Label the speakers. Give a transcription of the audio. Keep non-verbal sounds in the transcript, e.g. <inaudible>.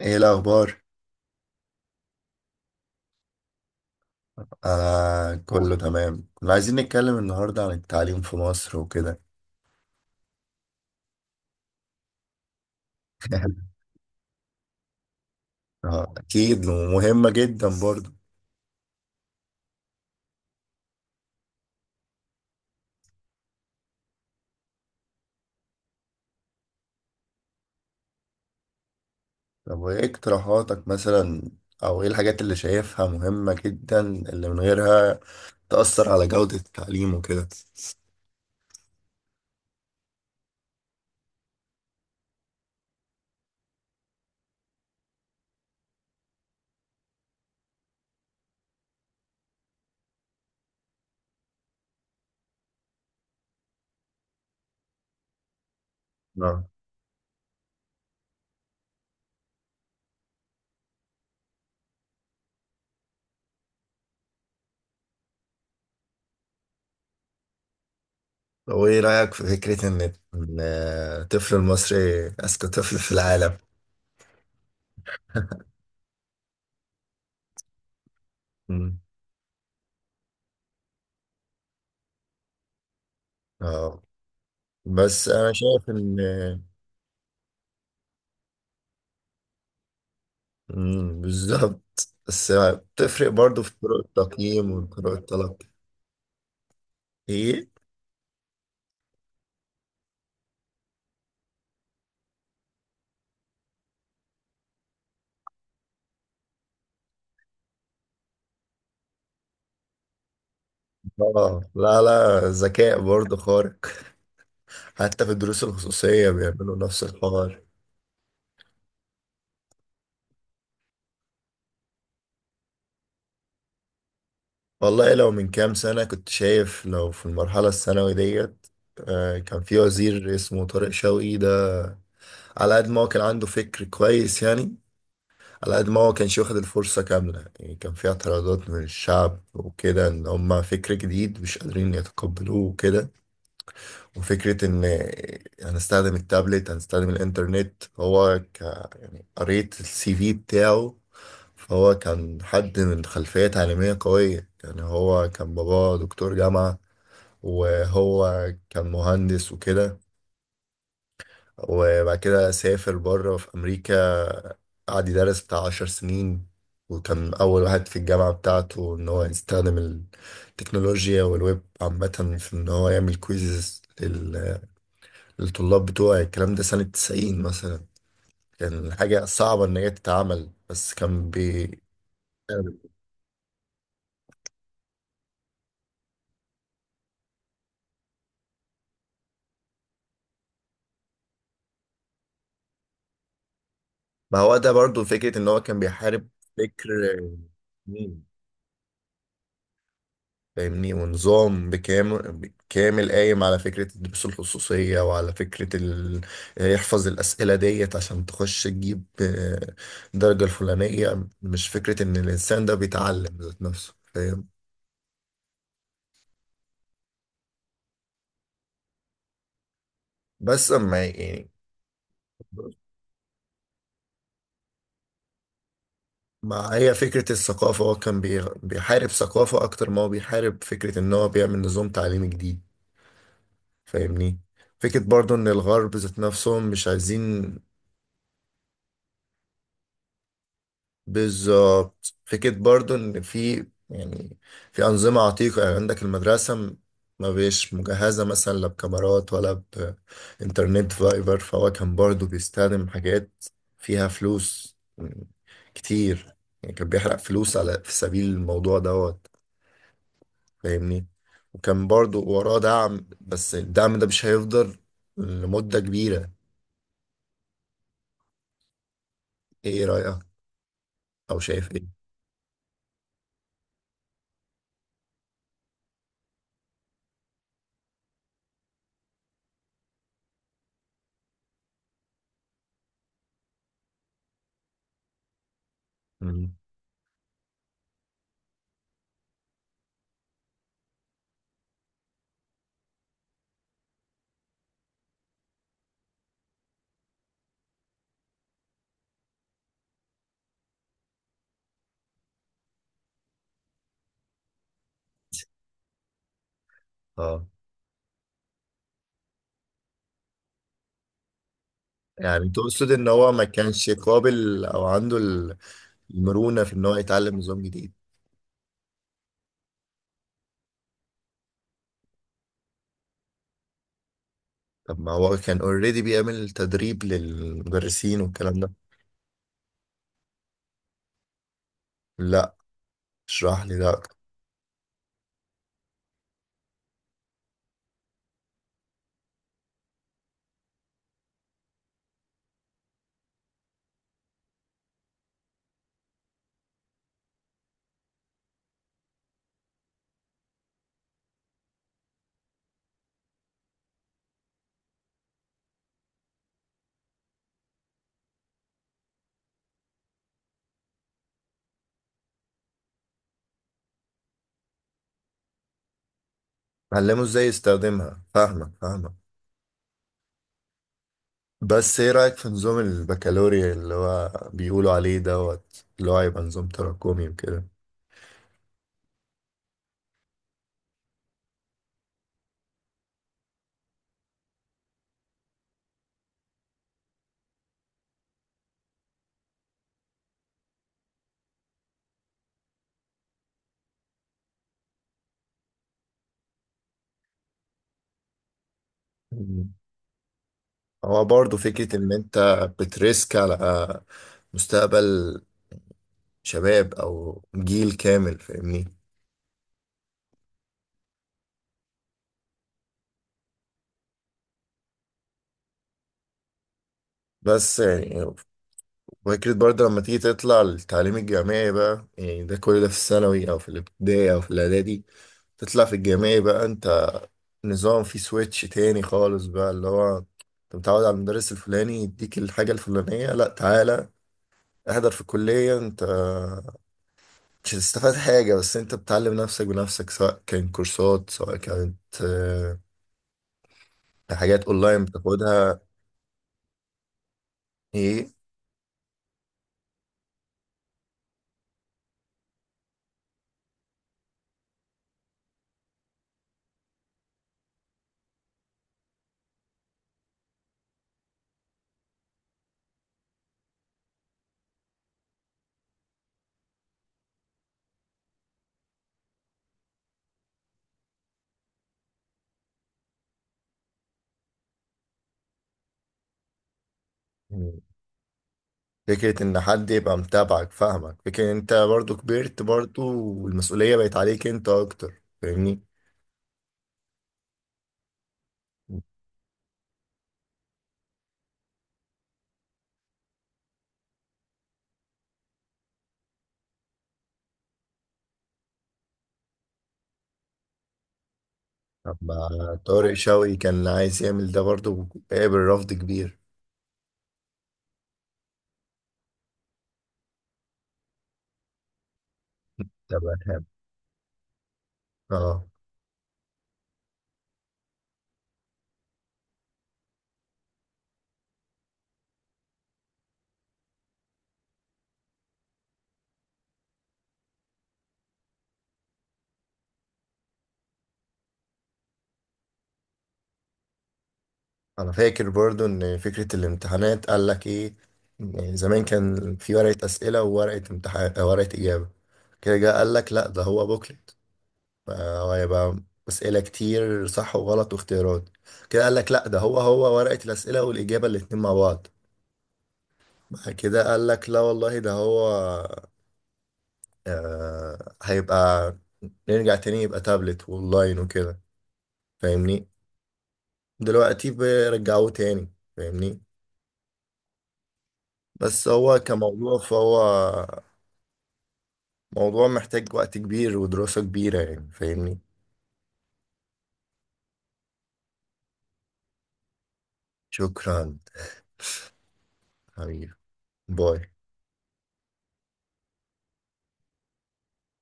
Speaker 1: ايه الاخبار؟ انا كله تمام. كنا عايزين نتكلم النهارده عن التعليم في مصر وكده. <laughs> آه، اكيد ومهمه جدا برضه. طب وايه اقتراحاتك مثلا، او ايه الحاجات اللي شايفها مهمه جدا اللي من غيرها تأثر على جوده التعليم وكده؟ آه. طب وايه رايك في فكره إن الطفل المصري اذكى طفل في العالم؟ مم. اه، بس انا شايف ان... بالظبط، بس بتفرق برضو في طرق التقييم وطرق الطلب. ايه. اه، لا لا، ذكاء برضو خارق، حتى في الدروس الخصوصية بيعملوا نفس الحوار. والله لو من كام سنة كنت شايف لو في المرحلة الثانوي ديت، كان في وزير اسمه طارق شوقي ده، على قد ما هو كان عنده فكر كويس يعني، على قد ما هو كانش واخد الفرصة كاملة. يعني كان في اعتراضات من الشعب وكده، ان هما فكر جديد مش قادرين يتقبلوه وكده. وفكرة إن هنستخدم التابلت، هنستخدم الإنترنت. هو ك يعني قريت السي في بتاعه، فهو كان حد من خلفية تعليمية قوية. يعني هو كان باباه دكتور جامعة، وهو كان مهندس وكده، وبعد كده سافر بره في أمريكا، قعد يدرس بتاع عشر سنين، وكان أول واحد في الجامعة بتاعته إن هو يستخدم التكنولوجيا والويب عامة في إن هو يعمل كويزز الطلاب بتوعي. الكلام ده سنة 90 مثلا، كان حاجة صعبة إن هي تتعمل، بس كان ما هو ده برضو فكرة إن هو كان بيحارب فكر مين. فاهمني، ونظام بكامل كامل قايم على فكرة الدروس الخصوصية وعلى فكرة يحفظ الأسئلة ديت عشان تخش تجيب درجة الفلانية، مش فكرة إن الإنسان ده بيتعلم ذات نفسه، فاهم. بس أما يعني، ما هي فكرة الثقافة، هو كان بيحارب ثقافة أكتر ما هو بيحارب فكرة إن هو بيعمل نظام تعليمي جديد. فاهمني، فكرة برضو إن الغرب ذات نفسهم مش عايزين. بالظبط، فكرة برضو إن في، يعني، في أنظمة عتيقة. يعني عندك المدرسة ما بيش مجهزة مثلا، لا بكاميرات ولا بإنترنت فايبر. فهو كان برضو بيستخدم حاجات فيها فلوس كتير. يعني كان بيحرق فلوس على، في سبيل الموضوع دوت، فاهمني. وكان برضو وراه دعم، بس الدعم ده مش هيفضل لمدة كبيرة. ايه رأيك، او شايف ايه؟ مم. اه. يعني تقصد ان هو ما كانش قابل او عنده المرونة في ان هو يتعلم نظام جديد. طب ما هو كان اوريدي بيعمل تدريب للمدرسين والكلام ده. لا. اشرح لي ده اكتر. علمه ازاي يستخدمها. فاهمك فاهمك. بس ايه رأيك في نظام البكالوريا اللي هو بيقولوا عليه دوت، اللي هو هيبقى نظام تراكمي وكده؟ هو برضه فكرة إن أنت بتريسك على مستقبل شباب أو جيل كامل، فاهمني. بس يعني فكرة برضه لما تيجي تطلع للتعليم الجامعي بقى، يعني ده كل ده في الثانوي أو في الابتدائي أو في الإعدادي. تطلع في الجامعي بقى أنت نظام فيه سويتش تاني خالص بقى. اللي هو أنت متعود على المدرس الفلاني يديك الحاجة الفلانية، لأ، تعالى احضر في الكلية. أنت مش هتستفاد حاجة، بس انت بتعلم نفسك بنفسك، سواء كان كورسات، سواء كانت آه، حاجات اونلاين بتاخدها. ايه. يعني فكرة ان حد يبقى متابعك، فاهمك. فكرة ان انت برضو كبرت برضو، والمسؤولية بقت عليك انت اكتر، فاهمني. طب طارق شوقي كان عايز يعمل ده برضو قابل رفض كبير. طب. اه. انا فاكر برضو ان فكرة الامتحانات قال لك ايه، إن زمان كان في ورقة اسئلة وورقة امتحان، ورقة اجابة. كده جه قال لك لا ده هو بوكلت، هو هيبقى اسئلة كتير صح وغلط واختيارات. كده قال لك لا ده هو ورقة الاسئلة والاجابة الاتنين مع بعض. بعد كده قال لك لا والله ده هو، هيبقى نرجع تاني، يبقى تابلت واونلاين وكده. فاهمني. دلوقتي بيرجعوه تاني. فاهمني. بس هو كموضوع، فهو موضوع محتاج وقت كبير ودراسة كبيرة، يعني. فاهمني. شكرا. حبيبي. باي.